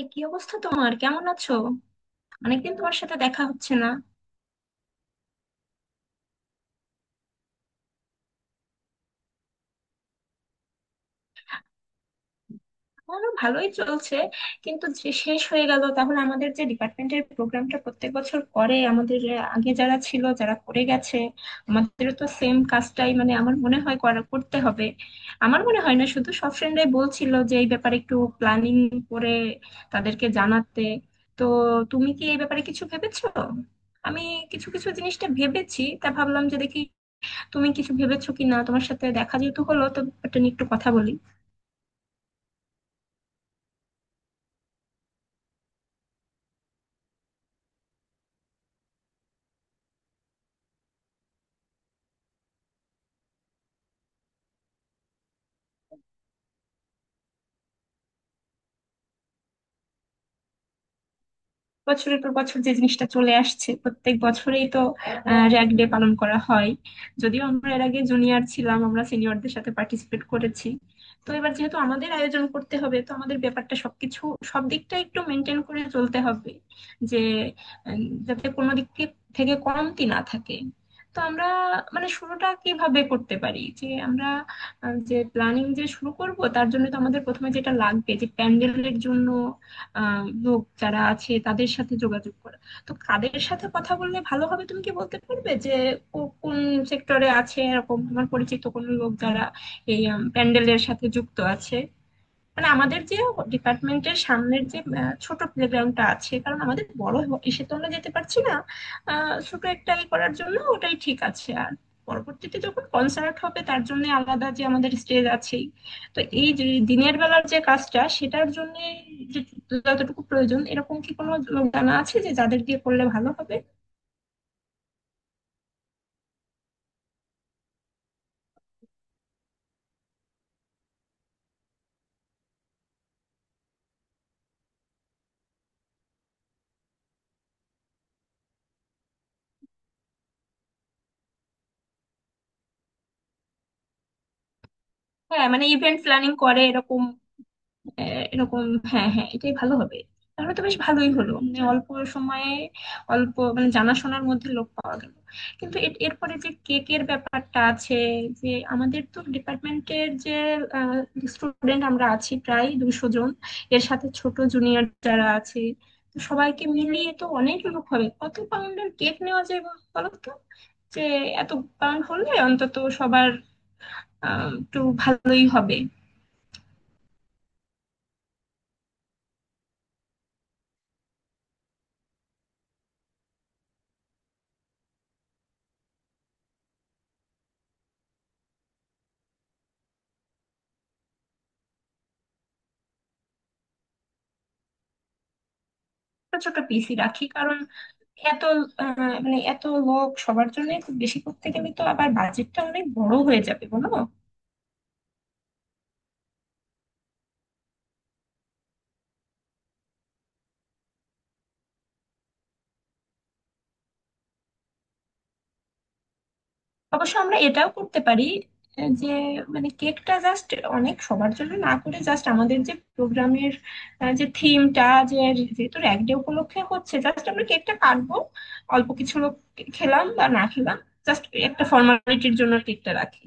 এই কি অবস্থা, তোমার কেমন আছো? অনেকদিন তোমার সাথে দেখা হচ্ছে না। আমারও ভালোই চলছে। কিন্তু যে শেষ হয়ে গেল, তাহলে আমাদের যে ডিপার্টমেন্টের প্রোগ্রামটা প্রত্যেক বছর করে আমাদের আগে যারা ছিল যারা করে গেছে, আমাদেরও তো সেম কাজটাই, মানে আমার মনে হয় করতে হবে। আমার মনে হয় না, শুধু সব ফ্রেন্ডরাই বলছিল যে এই ব্যাপারে একটু প্ল্যানিং করে তাদেরকে জানাতে। তো তুমি কি এই ব্যাপারে কিছু ভেবেছো? আমি কিছু কিছু জিনিসটা ভেবেছি, তা ভাবলাম যে দেখি তুমি কিছু ভেবেছো কিনা। তোমার সাথে দেখা যেহেতু হলো, তো এটা নিয়ে একটু কথা বলি। বছরের পর বছর যে জিনিসটা চলে আসছে, প্রত্যেক বছরেই তো র্যাগ ডে পালন করা হয়। যদিও আমরা এর আগে জুনিয়র ছিলাম, আমরা সিনিয়রদের সাথে পার্টিসিপেট করেছি। তো এবার যেহেতু আমাদের আয়োজন করতে হবে, তো আমাদের ব্যাপারটা সবকিছু, সব দিকটা একটু মেনটেন করে চলতে হবে যে, যাতে কোনো দিক থেকে কমতি না থাকে। তো আমরা মানে শুরুটা কিভাবে করতে পারি, যে আমরা যে প্ল্যানিং যে শুরু করব তার জন্য তো আমাদের প্রথমে যেটা লাগবে যে প্যান্ডেলের জন্য লোক যারা আছে তাদের সাথে যোগাযোগ করা। তো কাদের সাথে কথা বললে ভালো হবে, তুমি কি বলতে পারবে যে কোন সেক্টরে আছে এরকম তোমার পরিচিত কোনো লোক যারা এই প্যান্ডেলের সাথে যুক্ত আছে? মানে আমাদের যে ডিপার্টমেন্টের সামনের যে ছোট প্লেগ্রাউন্ডটা আছে, কারণ আমাদের বড় এসে তো আমরা যেতে পারছি না। ছোট একটা ই করার জন্য ওটাই ঠিক আছে, আর পরবর্তীতে যখন কনসার্ট হবে তার জন্য আলাদা যে আমাদের স্টেজ আছেই। তো এই যে দিনের বেলার যে কাজটা সেটার জন্য, যে যতটুকু প্রয়োজন এরকম কি কোনো লোক জানা আছে যে যাদের দিয়ে করলে ভালো হবে? হ্যাঁ, মানে ইভেন্ট প্ল্যানিং করে এরকম, এরকম, হ্যাঁ হ্যাঁ, এটাই ভালো হবে। তাহলে তো বেশ ভালোই হলো, মানে অল্প সময়ে, অল্প মানে জানাশোনার মধ্যে লোক পাওয়া গেল। কিন্তু এরপরে যে কেকের ব্যাপারটা আছে, যে আমাদের তো ডিপার্টমেন্টের যে স্টুডেন্ট আমরা আছি প্রায় 200 জন, এর সাথে ছোট জুনিয়র যারা আছে, তো সবাইকে মিলিয়ে তো অনেক লোক হবে। কত পাউন্ডের কেক নেওয়া যায় বলো তো? যে এত পাউন্ড হলে অন্তত সবার একটু ভালোই হবে। ছোট ছোট পিসই রাখি, কারণ এত মানে এত লোক সবার জন্য খুব বেশি করতে গেলে তো আবার বাজেটটা অনেক বড় হয়ে যাবে বলো। অবশ্য আমরা এটাও করতে পারি, যে মানে কেকটা জাস্ট অনেক সবার জন্য না করে, জাস্ট আমাদের যে প্রোগ্রামের যে থিমটা, যে যেহেতু এক ডে উপলক্ষে হচ্ছে, জাস্ট আমরা কেকটা কাটবো, অল্প কিছু লোক খেলাম বা না খেলাম, জাস্ট একটা ফর্মালিটির জন্য কেকটা রাখি।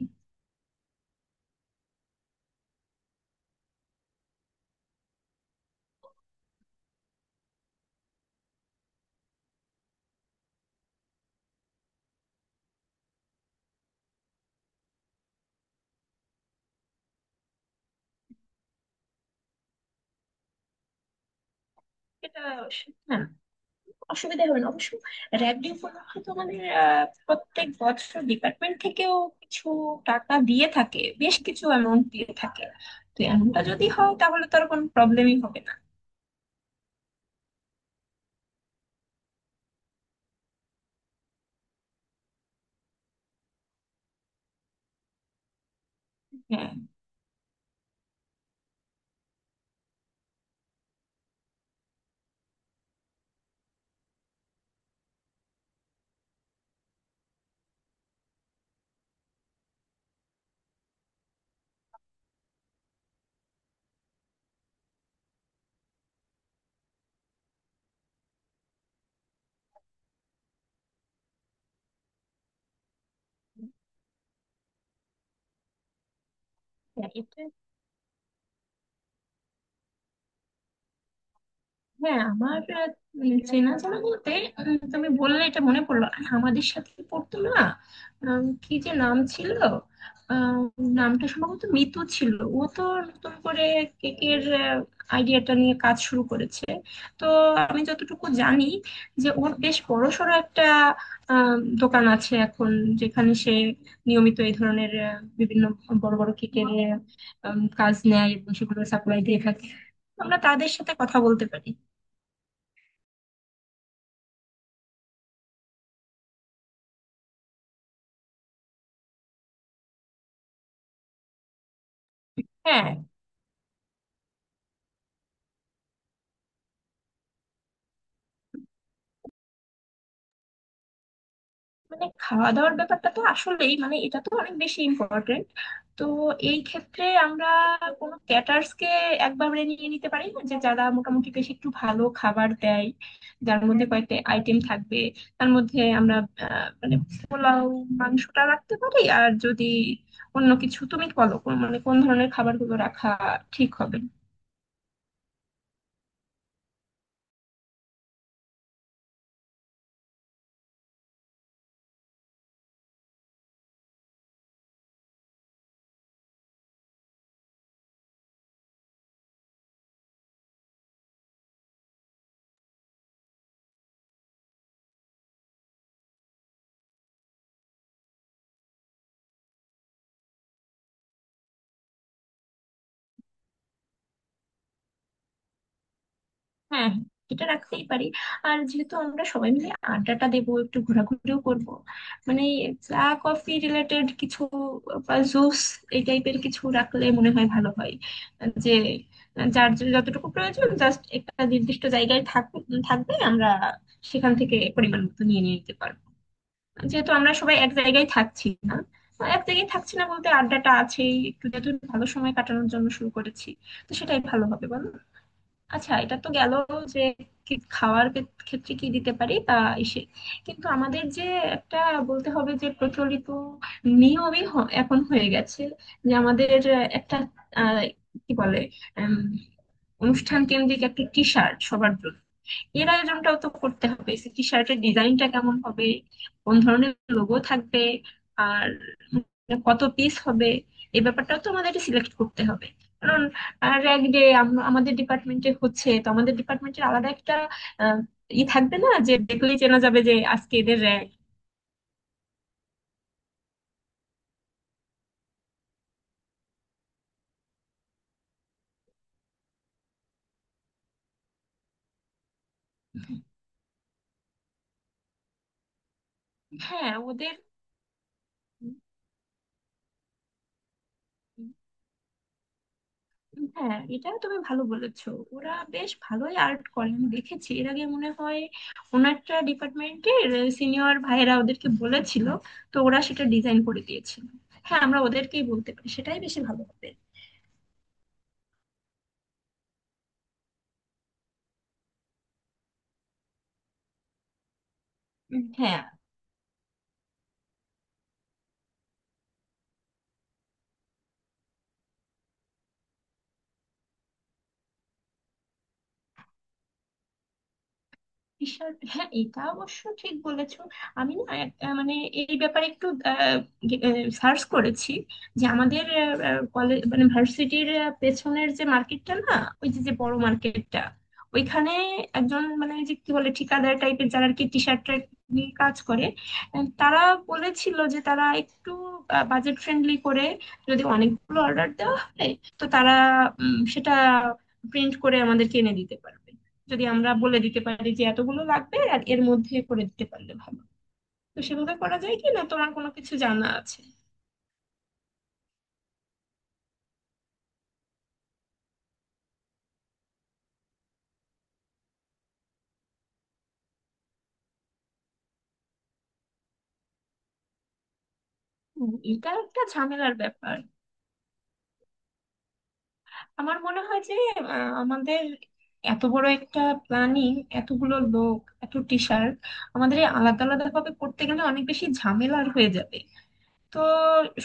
এটা, হ্যাঁ, অসুবিধা হবে না অবশ্য। র্যাব ডে উপলক্ষে তো আমাদের প্রত্যেক বছর ডিপার্টমেন্ট থেকেও কিছু টাকা দিয়ে থাকে, বেশ কিছু অ্যামাউন্ট দিয়ে থাকে। তো এমনটা যদি হয়, তাহলে তো আর কোনো প্রবলেমই হবে না। হ্যাঁ হ্যাঁ, এটা, হ্যাঁ, আমার চেনাজানা বলতে, তুমি বললে এটা মনে পড়লো, আর আমাদের সাথে পড়তো না? কি যে নাম ছিল, আম, নামটা সম্ভবত মিতু ছিল। ও তো নতুন করে কেকের আইডিয়াটা নিয়ে কাজ শুরু করেছে, তো আমি যতটুকু জানি যে ওর বেশ বড়সড় একটা দোকান আছে এখন, যেখানে সে নিয়মিত এই ধরনের বিভিন্ন বড় বড় কেকের কাজ নেয় এবং সেগুলো সাপ্লাই দিয়ে থাকে। আমরা তাদের সাথে কথা বলতে পারি। হ্যাঁ, মানে খাওয়া দাওয়ার ব্যাপারটা তো আসলেই, মানে এটা তো অনেক বেশি ইম্পর্টেন্ট। তো এই ক্ষেত্রে আমরা কোনো ক্যাটার্স কে একবারে নিয়ে নিতে পারি না, যে যারা মোটামুটি বেশ একটু ভালো খাবার দেয়, যার মধ্যে কয়েকটা আইটেম থাকবে। তার মধ্যে আমরা মানে পোলাও মাংসটা রাখতে পারি, আর যদি অন্য কিছু তুমি বলো মানে কোন ধরনের খাবারগুলো রাখা ঠিক হবে। হ্যাঁ এটা রাখতেই পারি। আর যেহেতু আমরা সবাই মিলে আড্ডাটা দেবো, একটু ঘোরাঘুরিও করব, মানে চা কফি রিলেটেড কিছু বা জুস এই টাইপের কিছু রাখলে মনে হয় ভালো হয়। যে যার যে যতটুকু প্রয়োজন, জাস্ট একটা নির্দিষ্ট জায়গায় থাকবে, আমরা সেখান থেকে পরিমাণ মতো নিয়ে নিয়ে নিতে পারবো। যেহেতু আমরা সবাই এক জায়গায় থাকছি না, এক জায়গায় থাকছি না বলতে আড্ডাটা আছেই, একটু যেহেতু ভালো সময় কাটানোর জন্য শুরু করেছি, তো সেটাই ভালো হবে বলো। আচ্ছা, এটা তো গেল যে কি খাওয়ার ক্ষেত্রে কি দিতে পারি। তা এসে কিন্তু আমাদের যে একটা বলতে হবে, যে প্রচলিত নিয়মই এখন হয়ে গেছে যে আমাদের একটা, আহ, কি বলে, উম, অনুষ্ঠান কেন্দ্রিক একটা টি শার্ট সবার জন্য এর আয়োজনটাও তো করতে হবে। টি শার্টের ডিজাইনটা কেমন হবে, কোন ধরনের লোগো থাকবে, আর মানে কত পিস হবে, এই ব্যাপারটাও তো আমাদের সিলেক্ট করতে হবে। কারণ র‍্যাগ ডে আমাদের ডিপার্টমেন্টে হচ্ছে, তো আমাদের ডিপার্টমেন্টের আলাদা একটা আহ, ই থাকবে না যে দেখলেই চেনা যাবে যে আজকে এদের র‍্যাগ। হ্যাঁ, ওদের, হ্যাঁ এটা তুমি ভালো বলেছো। ওরা বেশ ভালোই আর্ট করে, আমি দেখেছি এর আগে মনে হয় ওনারটা ডিপার্টমেন্টের সিনিয়র ভাইয়েরা ওদেরকে বলেছিল, তো ওরা সেটা ডিজাইন করে দিয়েছিল। হ্যাঁ আমরা ওদেরকেই বলতে পারি, সেটাই বেশি ভালো হবে। উম, হ্যাঁ। ঈশ্বর, হ্যাঁ এটা অবশ্য ঠিক বলেছো। আমি না মানে এই ব্যাপারে একটু সার্চ করেছি, যে আমাদের কলেজ মানে ভার্সিটির পেছনের যে মার্কেটটা না, ওই যে যে বড় মার্কেটটা, ওইখানে একজন মানে ওই যে কি বলে ঠিকাদার টাইপের, যারা আর কি টি শার্ট নিয়ে কাজ করে, তারা বলেছিল যে তারা একটু বাজেট ফ্রেন্ডলি করে যদি অনেকগুলো অর্ডার দেওয়া হয়। তো তারা সেটা প্রিন্ট করে আমাদেরকে এনে দিতে পারবে যদি আমরা বলে দিতে পারি যে এতগুলো লাগবে আর এর মধ্যে করে দিতে পারলে ভালো। তো সেভাবে করা যায় কি না, তোমার কোনো কিছু জানা আছে? এটা একটা ঝামেলার ব্যাপার। আমার মনে হয় যে আমাদের এত বড় একটা প্ল্যানিং, এতগুলো লোক, এত টিচার, আমাদের এই আলাদা আলাদা ভাবে করতে গেলে অনেক বেশি ঝামেলার হয়ে যাবে। তো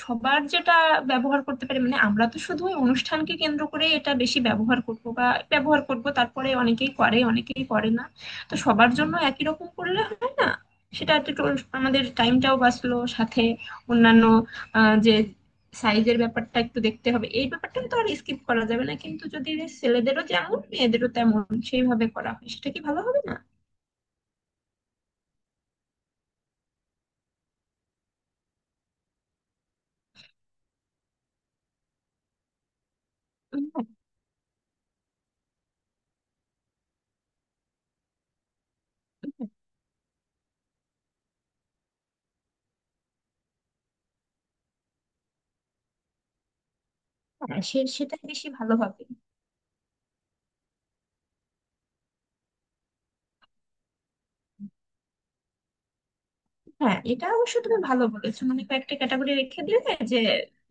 সবার যেটা ব্যবহার করতে পারে, মানে আমরা তো শুধু ওই অনুষ্ঠানকে কেন্দ্র করে এটা বেশি ব্যবহার করব বা ব্যবহার করব, তারপরে অনেকেই করে অনেকেই করে না। তো সবার জন্য একই রকম করলে হয় না, সেটা একটু আমাদের টাইমটাও বাঁচলো, সাথে অন্যান্য যে সাইজের ব্যাপারটা একটু দেখতে হবে, এই ব্যাপারটা তো আর স্কিপ করা যাবে না, কিন্তু যদি ছেলেদেরও যেমন মেয়েদেরও তেমন সেইভাবে করা হয় সেটা কি ভালো হবে না? হ্যাঁ, সেটাই বেশি ভালো হবে। হ্যাঁ এটা অবশ্য তুমি ভালো বলেছো, মানে কয়েকটা ক্যাটাগরি রেখে দিলে যে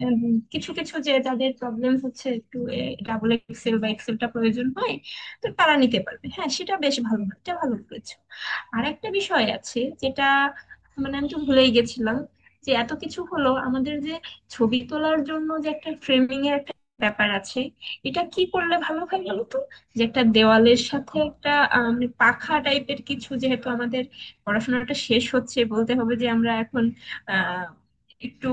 উম, কিছু কিছু যে যাদের প্রবলেম হচ্ছে, একটু ডাবল এক্সেল বা এক্সেলটা প্রয়োজন হয়, তো তারা নিতে পারবে। হ্যাঁ সেটা বেশ ভালো, এটা ভালো বলেছো। আর একটা বিষয় আছে যেটা মানে আমি তো ভুলেই গেছিলাম, যে এত কিছু হলো আমাদের, যে ছবি তোলার জন্য যে একটা ফ্রেমিং এর একটা ব্যাপার আছে, এটা কি করলে ভালো হয় বলো তো? যে একটা দেওয়ালের সাথে একটা মানে পাখা টাইপের কিছু, যেহেতু আমাদের পড়াশোনাটা শেষ হচ্ছে, বলতে হবে যে আমরা এখন আহ একটু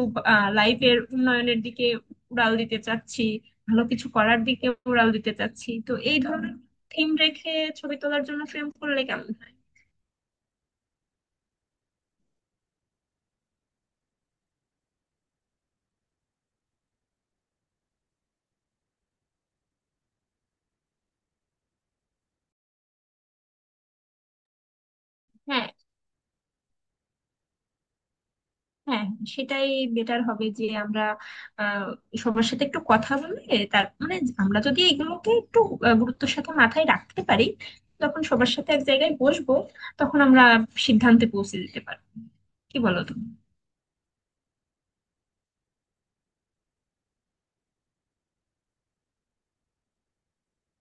লাইফের উন্নয়নের দিকে উড়াল দিতে চাচ্ছি, ভালো কিছু করার দিকে উড়াল দিতে চাচ্ছি, তো এই ধরনের থিম রেখে ছবি তোলার জন্য ফ্রেম করলে কেমন হয়? হ্যাঁ হ্যাঁ, সেটাই বেটার হবে, যে আমরা আহ সবার সাথে একটু কথা বলে, তার মানে আমরা যদি এগুলোকে একটু গুরুত্বের সাথে মাথায় রাখতে পারি, তখন সবার সাথে এক জায়গায় বসবো, তখন আমরা সিদ্ধান্তে পৌঁছে যেতে পারবো, কি বলো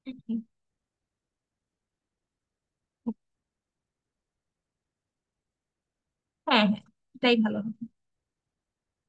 তুমি? হ্যাঁ হ্যাঁ, এটাই ভালো হবে।